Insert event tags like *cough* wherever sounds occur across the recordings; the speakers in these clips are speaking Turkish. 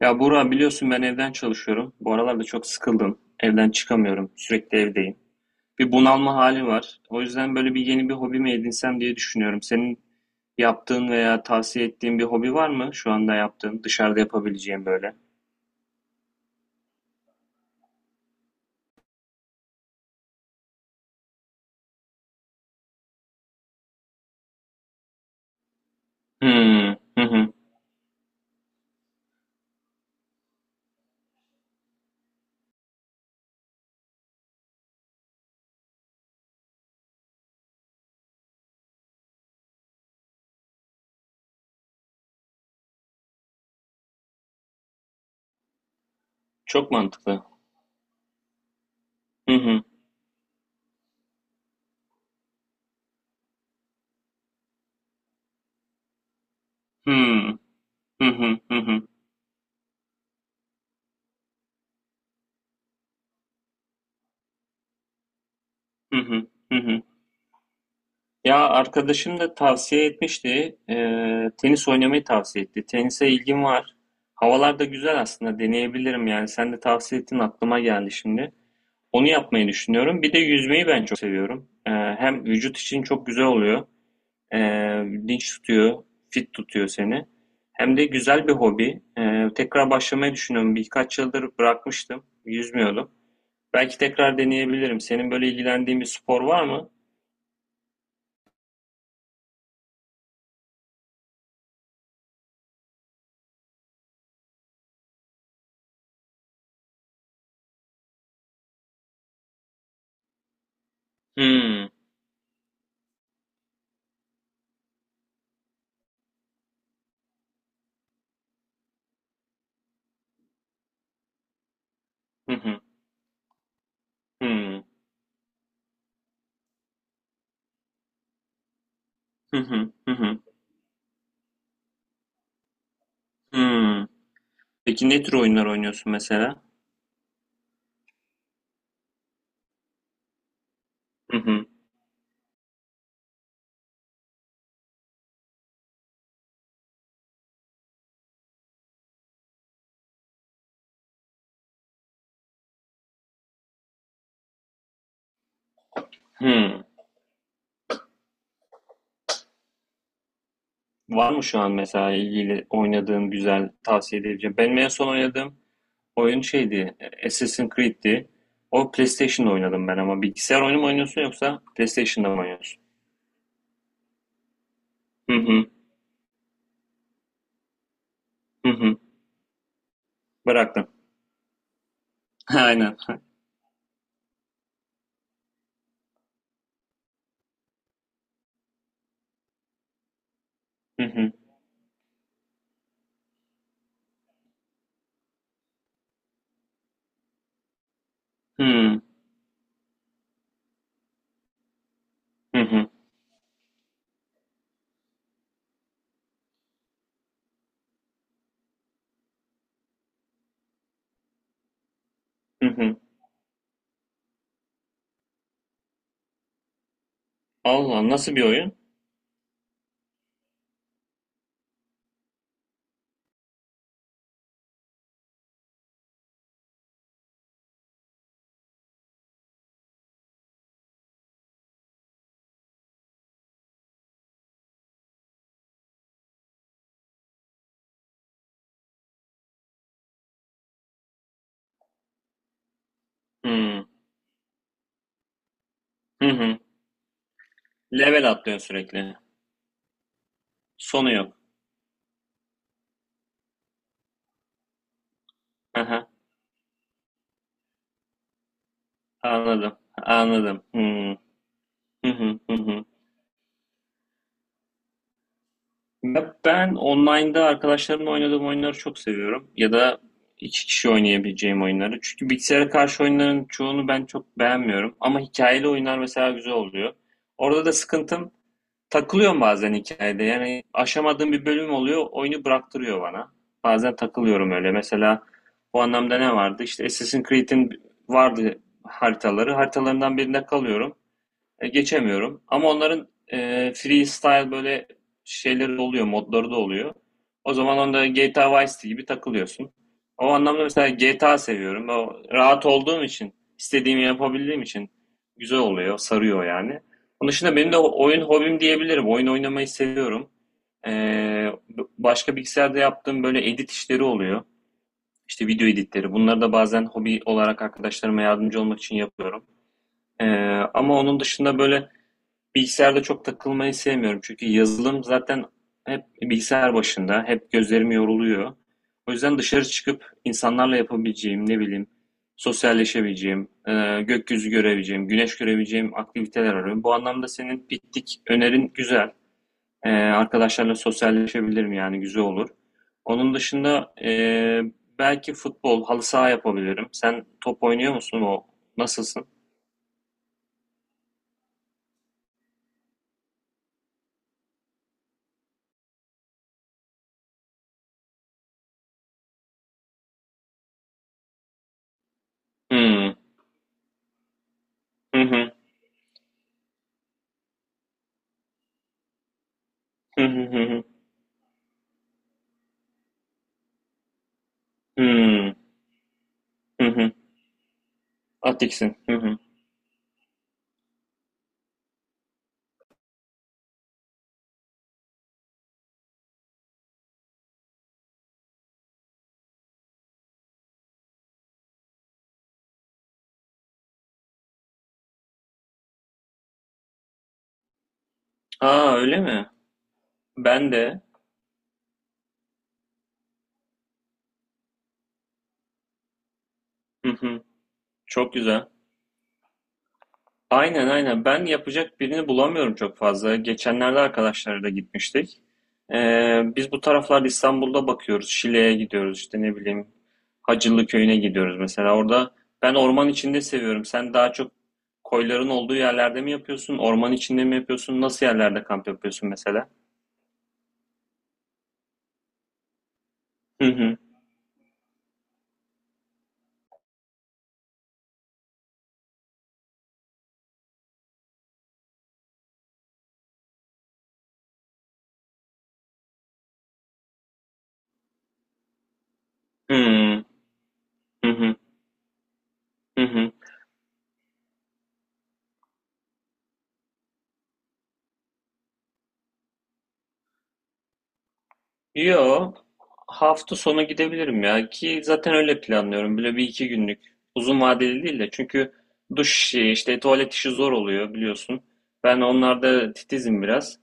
Ya Burak biliyorsun ben evden çalışıyorum. Bu aralarda çok sıkıldım. Evden çıkamıyorum. Sürekli evdeyim. Bir bunalma hali var. O yüzden böyle bir yeni bir hobi mi edinsem diye düşünüyorum. Senin yaptığın veya tavsiye ettiğin bir hobi var mı? Şu anda yaptığın, dışarıda yapabileceğim böyle. Hmm, hı hı. Çok mantıklı. Hı hı. Hmm, hı hı, hı hı, hı hı, hı hı. Ya arkadaşım da tavsiye etmişti. Tenis oynamayı tavsiye etti. Tenise ilgim var. Havalar da güzel aslında. Deneyebilirim yani. Sen de tavsiye ettin aklıma geldi şimdi. Onu yapmayı düşünüyorum. Bir de yüzmeyi ben çok seviyorum. Hem vücut için çok güzel oluyor. Dinç tutuyor, fit tutuyor seni. Hem de güzel bir hobi. Tekrar başlamayı düşünüyorum. Birkaç yıldır bırakmıştım. Yüzmüyordum. Belki tekrar deneyebilirim. Senin böyle ilgilendiğin bir spor var mı? Hmm. Hı hı. Hmm. Hı hı. Hı hı. Hımm. Peki ne tür oyunlar oynuyorsun mesela? Hı hı. Hımm. Var mı şu an mesela ilgili oynadığın güzel tavsiye edebileceğin? Benim en son oynadığım oyun şeydi, Assassin's Creed'ti. O PlayStation'da oynadım ben ama bilgisayar oyunu mu oynuyorsun yoksa PlayStation'da mı oynuyorsun? Hı hı. Hı hı. Bıraktım. *laughs* Aynen. Hı hı. Hımm. Hı hı. Hı hı. Allah nasıl bir oyun? Hımm. Hı hı. Level atlıyorsun sürekli. Sonu yok. Aha. Anladım. Anladım. Hı. Hı hı hı hı. Ya ben online'da arkadaşlarımla oynadığım oyunları çok seviyorum. Ya da iki kişi oynayabileceğim oyunları. Çünkü bilgisayara karşı oyunların çoğunu ben çok beğenmiyorum. Ama hikayeli oyunlar mesela güzel oluyor. Orada da sıkıntım takılıyorum bazen hikayede. Yani aşamadığım bir bölüm oluyor, oyunu bıraktırıyor bana. Bazen takılıyorum öyle. Mesela bu anlamda ne vardı? İşte Assassin's Creed'in vardı haritaları. Haritalarından birinde kalıyorum. Geçemiyorum. Ama onların freestyle böyle şeyleri de oluyor, modları da oluyor. O zaman onda GTA Vice City gibi takılıyorsun. O anlamda mesela GTA seviyorum. O rahat olduğum için, istediğimi yapabildiğim için güzel oluyor, sarıyor yani. Onun dışında benim de oyun hobim diyebilirim. Oyun oynamayı seviyorum. E, Başka bilgisayarda yaptığım böyle edit işleri oluyor. İşte video editleri. Bunları da bazen hobi olarak arkadaşlarıma yardımcı olmak için yapıyorum. E, Ama onun dışında böyle bilgisayarda çok takılmayı sevmiyorum. Çünkü yazılım zaten hep bilgisayar başında, hep gözlerim yoruluyor. O yüzden dışarı çıkıp insanlarla yapabileceğim, ne bileyim, sosyalleşebileceğim, gökyüzü görebileceğim, güneş görebileceğim aktiviteler arıyorum. Bu anlamda senin piknik önerin güzel. Arkadaşlarla sosyalleşebilirim yani güzel olur. Onun dışında belki futbol, halı saha yapabilirim. Sen top oynuyor musun o? Nasılsın? Hmm. Hı hı. Hı hı hı hı. Hmm. Hı hı. Atix'in. Hı hı. Aa öyle mi? Ben de. Hı hı. Çok güzel. Aynen aynen. Ben yapacak birini bulamıyorum çok fazla. Geçenlerde arkadaşlarla gitmiştik. Biz bu taraflarda İstanbul'da bakıyoruz. Şile'ye gidiyoruz işte ne bileyim. Hacılı Köyü'ne gidiyoruz mesela. Orada ben orman içinde seviyorum. Sen daha çok koyların olduğu yerlerde mi yapıyorsun? Orman içinde mi yapıyorsun? Nasıl yerlerde kamp yapıyorsun mesela? Hı hı. Hı hı. Hı hı. Hı hı. Yo, hafta sonu gidebilirim ya ki zaten öyle planlıyorum. Böyle bir iki günlük uzun vadeli değil de çünkü duş işi işte tuvalet işi zor oluyor biliyorsun. Ben onlarda titizim biraz.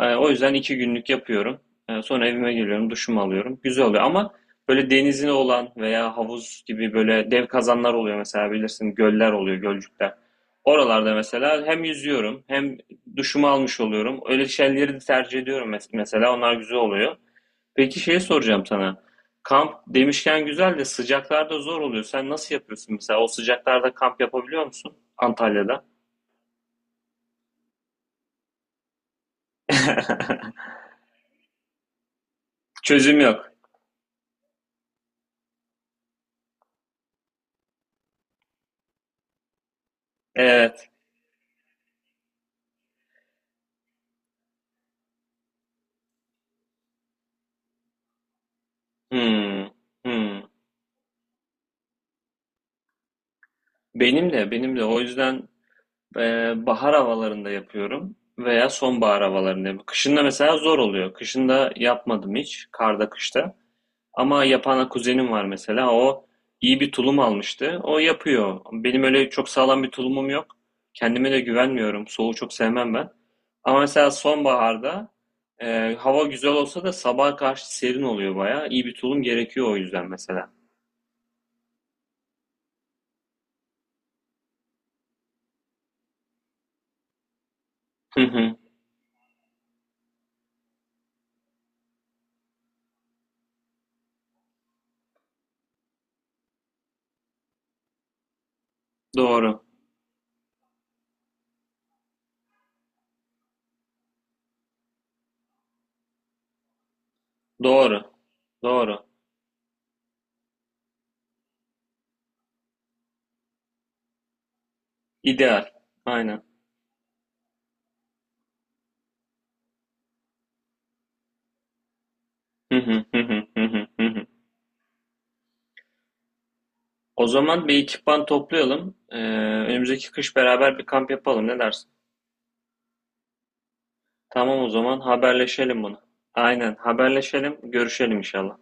O yüzden iki günlük yapıyorum. Sonra evime geliyorum duşumu alıyorum. Güzel oluyor ama böyle denizine olan veya havuz gibi böyle dev kazanlar oluyor mesela bilirsin göller oluyor gölcükler. Oralarda mesela hem yüzüyorum hem duşumu almış oluyorum. Öyle şeyleri de tercih ediyorum mesela onlar güzel oluyor. Peki şey soracağım sana. Kamp demişken güzel de sıcaklarda zor oluyor. Sen nasıl yapıyorsun mesela? O sıcaklarda kamp yapabiliyor musun Antalya'da? *laughs* Çözüm yok. Evet. Hmm. Hmm. Benim de, benim de. O yüzden e, bahar havalarında yapıyorum veya sonbahar havalarında yapıyorum. Kışında mesela zor oluyor. Kışında yapmadım hiç. Karda, kışta. Ama yapan kuzenim var mesela. O iyi bir tulum almıştı. O yapıyor. Benim öyle çok sağlam bir tulumum yok. Kendime de güvenmiyorum. Soğuğu çok sevmem ben. Ama mesela sonbaharda hava güzel olsa da sabaha karşı serin oluyor bayağı. İyi bir tulum gerekiyor o yüzden mesela. Hı hı. Doğru. Doğru. Doğru. İdeal. Aynen. Hı hı hı hı hı hı hı. O zaman bir ekipman toplayalım. Önümüzdeki kış beraber bir kamp yapalım. Ne dersin? Tamam o zaman haberleşelim bunu. Aynen haberleşelim, görüşelim inşallah.